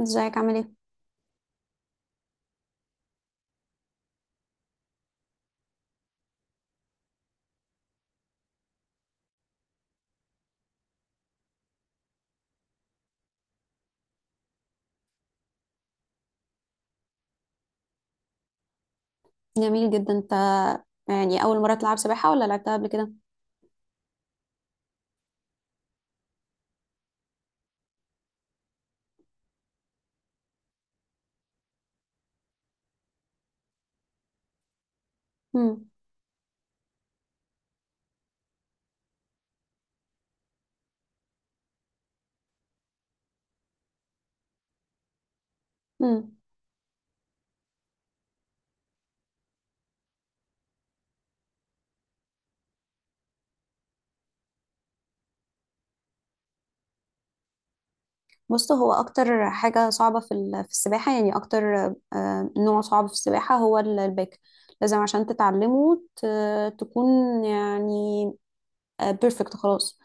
ازيك، عامل ايه؟ جميل جدا انت. يعني اول مره تلعب سباحه ولا لعبتها قبل كده؟ امم. امم. بص، هو اكتر حاجه صعبه في في السباحه يعني اكتر نوع صعب في السباحه هو الباك. لازم عشان تتعلمه تكون يعني بيرفكت خلاص.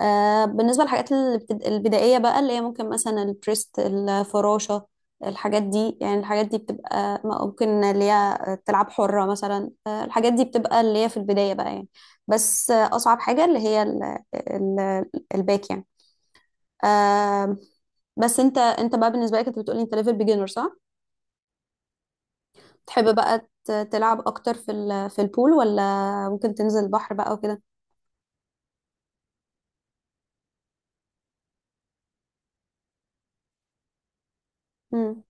بالنسبة للحاجات البدائية بقى اللي هي ممكن مثلا البريست، الفراشة. الحاجات دي بتبقى ممكن اللي هي تلعب حرة مثلا. الحاجات دي بتبقى اللي هي في البداية بقى يعني. بس أصعب حاجة اللي هي الباك يعني. آه، بس انت بقى، بالنسبة لك انت بتقولي انت ليفل بيجنر صح؟ تحب بقى تلعب اكتر في في البول، ولا ممكن تنزل البحر بقى وكده؟ امم.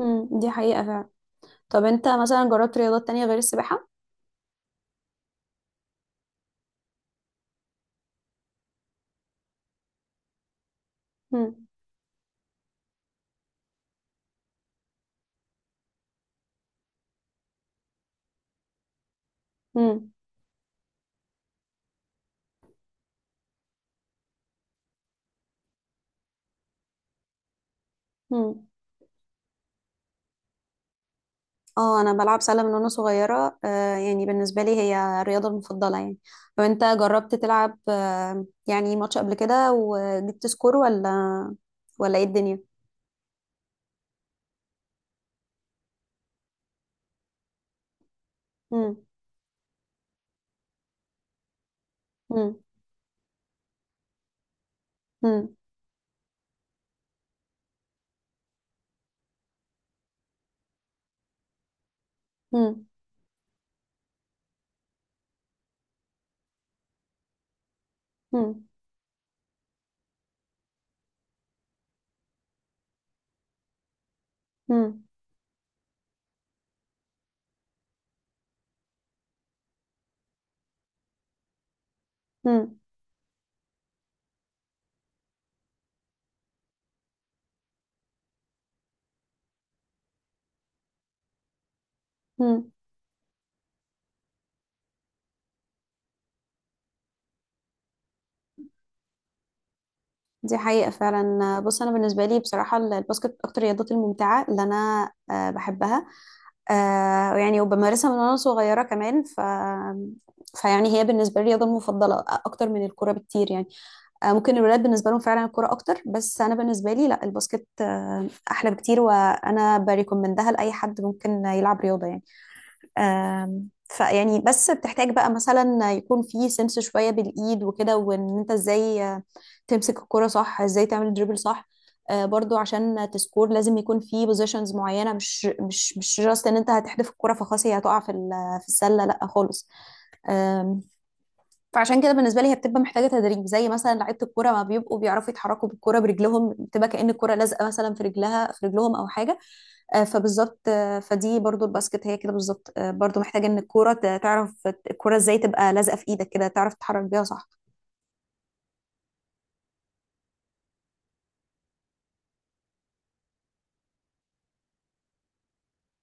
امم. دي حقيقة فعلا. طب انت مثلا جربت رياضات تانية غير السباحة؟ مم. مم. مم. اه، انا بلعب سلة من وانا صغيرة، يعني بالنسبة لي هي الرياضة المفضلة يعني. طب انت جربت تلعب يعني ماتش قبل كده وجبت سكور، ولا ايه الدنيا؟ مم. مم. مم. مم. مم. مم. مم. مم. دي حقيقة فعلا. بص، أنا بالنسبة لي بصراحة الباسكت أكتر الرياضات الممتعة اللي أنا بحبها. يعني وبمارسها من وانا صغيرة كمان، فيعني هي بالنسبة لي الرياضة المفضلة أكتر من الكرة بكتير يعني. ممكن الولاد بالنسبة لهم فعلا الكرة أكتر، بس أنا بالنسبة لي لا، الباسكت أحلى بكتير، وأنا بريكومندها لأي حد ممكن يلعب رياضة يعني. فيعني بس بتحتاج بقى مثلا يكون في سنس شوية بالإيد وكده، وإن أنت إزاي تمسك الكرة صح، إزاي تعمل دريبل صح. برضو عشان تسكور لازم يكون في بوزيشنز معينة، مش جاست إن أنت هتحدف الكرة فخلاص هي هتقع في في السلة. لأ خالص. فعشان كده بالنسبه لي هي بتبقى محتاجه تدريب، زي مثلا لعيبه الكوره ما بيبقوا بيعرفوا يتحركوا بالكوره برجلهم، بتبقى كأن الكوره لازقه مثلا في رجلهم او حاجه. فبالظبط، فدي برضو الباسكت هي كده بالظبط، برضو محتاجه ان تعرف الكوره ازاي تبقى لازقه في ايدك كده، تعرف تتحرك بيها صح؟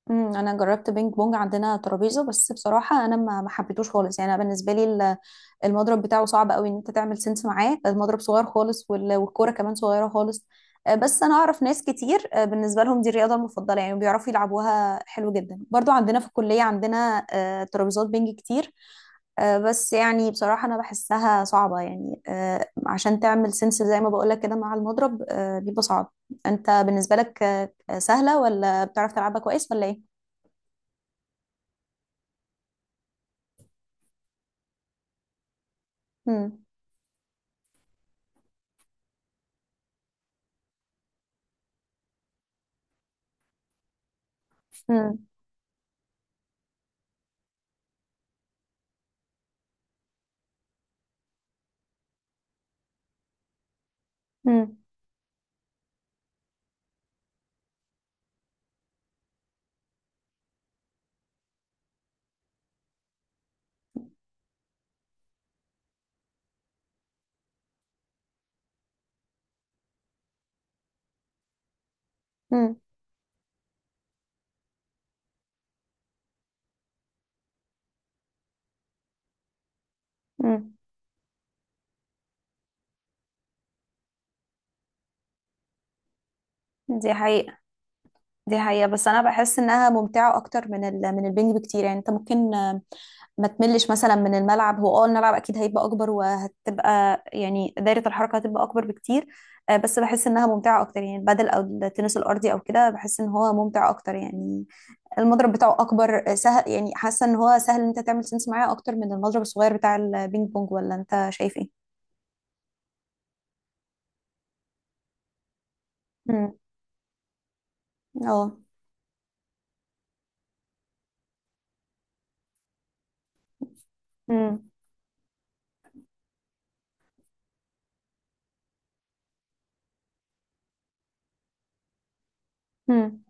امم. انا جربت بينج بونج، عندنا ترابيزه، بس بصراحه انا ما حبيتهوش خالص يعني. أنا بالنسبه لي المضرب بتاعه صعب قوي ان انت تعمل سنس معاه، المضرب صغير خالص والكوره كمان صغيره خالص. بس انا اعرف ناس كتير بالنسبه لهم دي الرياضه المفضله يعني، بيعرفوا يلعبوها حلو جدا، برضو عندنا في الكليه عندنا ترابيزات بينج كتير. بس يعني بصراحه انا بحسها صعبه يعني، عشان تعمل سنس زي ما بقولك كده مع المضرب بيبقى صعب. انت بالنسبه لك سهله ولا بتعرف تلعبها كويس، ولا ايه؟ مم. مم. مم. مم. مم. دي حقيقة. دي حقيقة، بس أنا بحس إنها ممتعة أكتر من من البنج بكتير يعني. أنت ممكن ما تملش مثلا من الملعب. هو الملعب اكيد هيبقى اكبر، وهتبقى يعني دايرة الحركة هتبقى اكبر بكتير. بس بحس انها ممتعة اكتر يعني، البادل او التنس الارضي او كده بحس ان هو ممتع اكتر يعني. المضرب بتاعه اكبر سهل يعني، حاسة ان هو سهل ان انت تعمل سنس معاه اكتر من المضرب الصغير بتاع البينج بونج، ولا انت شايف ايه؟ امم. اه. امم.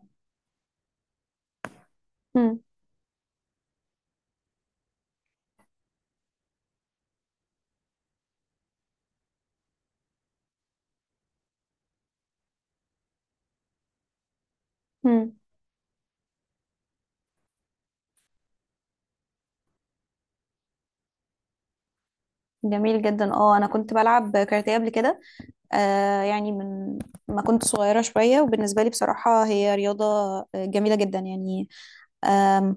مم. جميل جدا. اه، انا كنت بلعب كاراتيه قبل كده. يعني من ما كنت صغيره شويه، وبالنسبه لي بصراحه هي رياضه جميله جدا يعني. آم.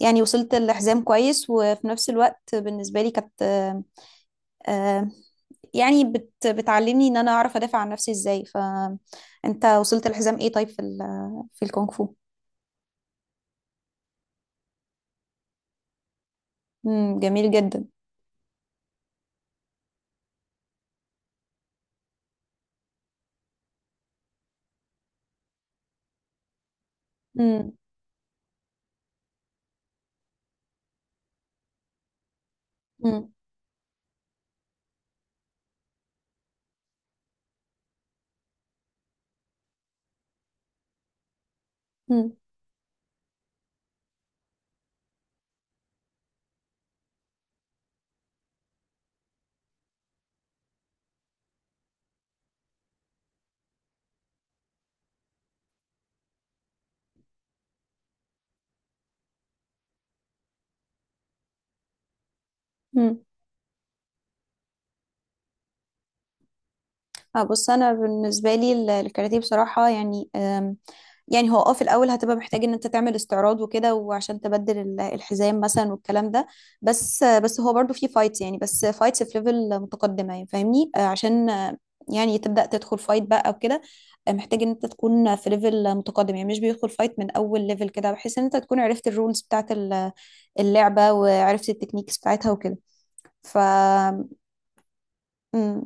يعني وصلت لحزام كويس، وفي نفس الوقت بالنسبه لي كانت آه، يعني بتعلمني ان انا اعرف ادافع عن نفسي ازاي. فانت وصلت لحزام ايه طيب في في الكونغ فو؟ مم. جميل جدا. مم. مم. مم. مم. بص، انا بالنسبه لي الكاراتيه بصراحه يعني. يعني هو في الاول هتبقى محتاج ان انت تعمل استعراض وكده، وعشان تبدل الحزام مثلا والكلام ده. بس هو برضو في فايتس يعني، بس فايتس في ليفل متقدمه يعني، فاهمني؟ عشان يعني تبدا تدخل فايت بقى وكده. محتاج ان انت تكون في ليفل متقدم يعني، مش بيدخل فايت من اول ليفل كده، بحيث ان انت تكون عرفت الرولز بتاعت اللعبه وعرفت التكنيكس بتاعتها وكده. ف مم.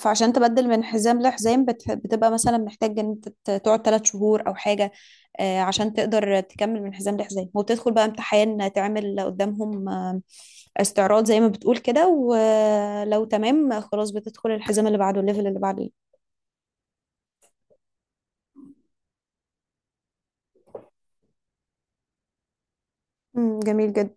فعشان تبدل من حزام لحزام بتبقى مثلا محتاج ان انت تقعد 3 شهور او حاجة. عشان تقدر تكمل من حزام لحزام، وبتدخل بقى امتحان تعمل قدامهم استعراض زي ما بتقول كده، ولو تمام خلاص بتدخل الحزام اللي بعده الليفل اللي بعده. مم، جميل جدا.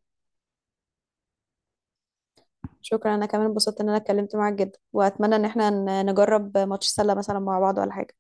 شكرا. انا كمان انبسطت ان انا اتكلمت معاك جدا، واتمنى ان احنا نجرب ماتش سلة مثلا مع بعض ولا حاجة.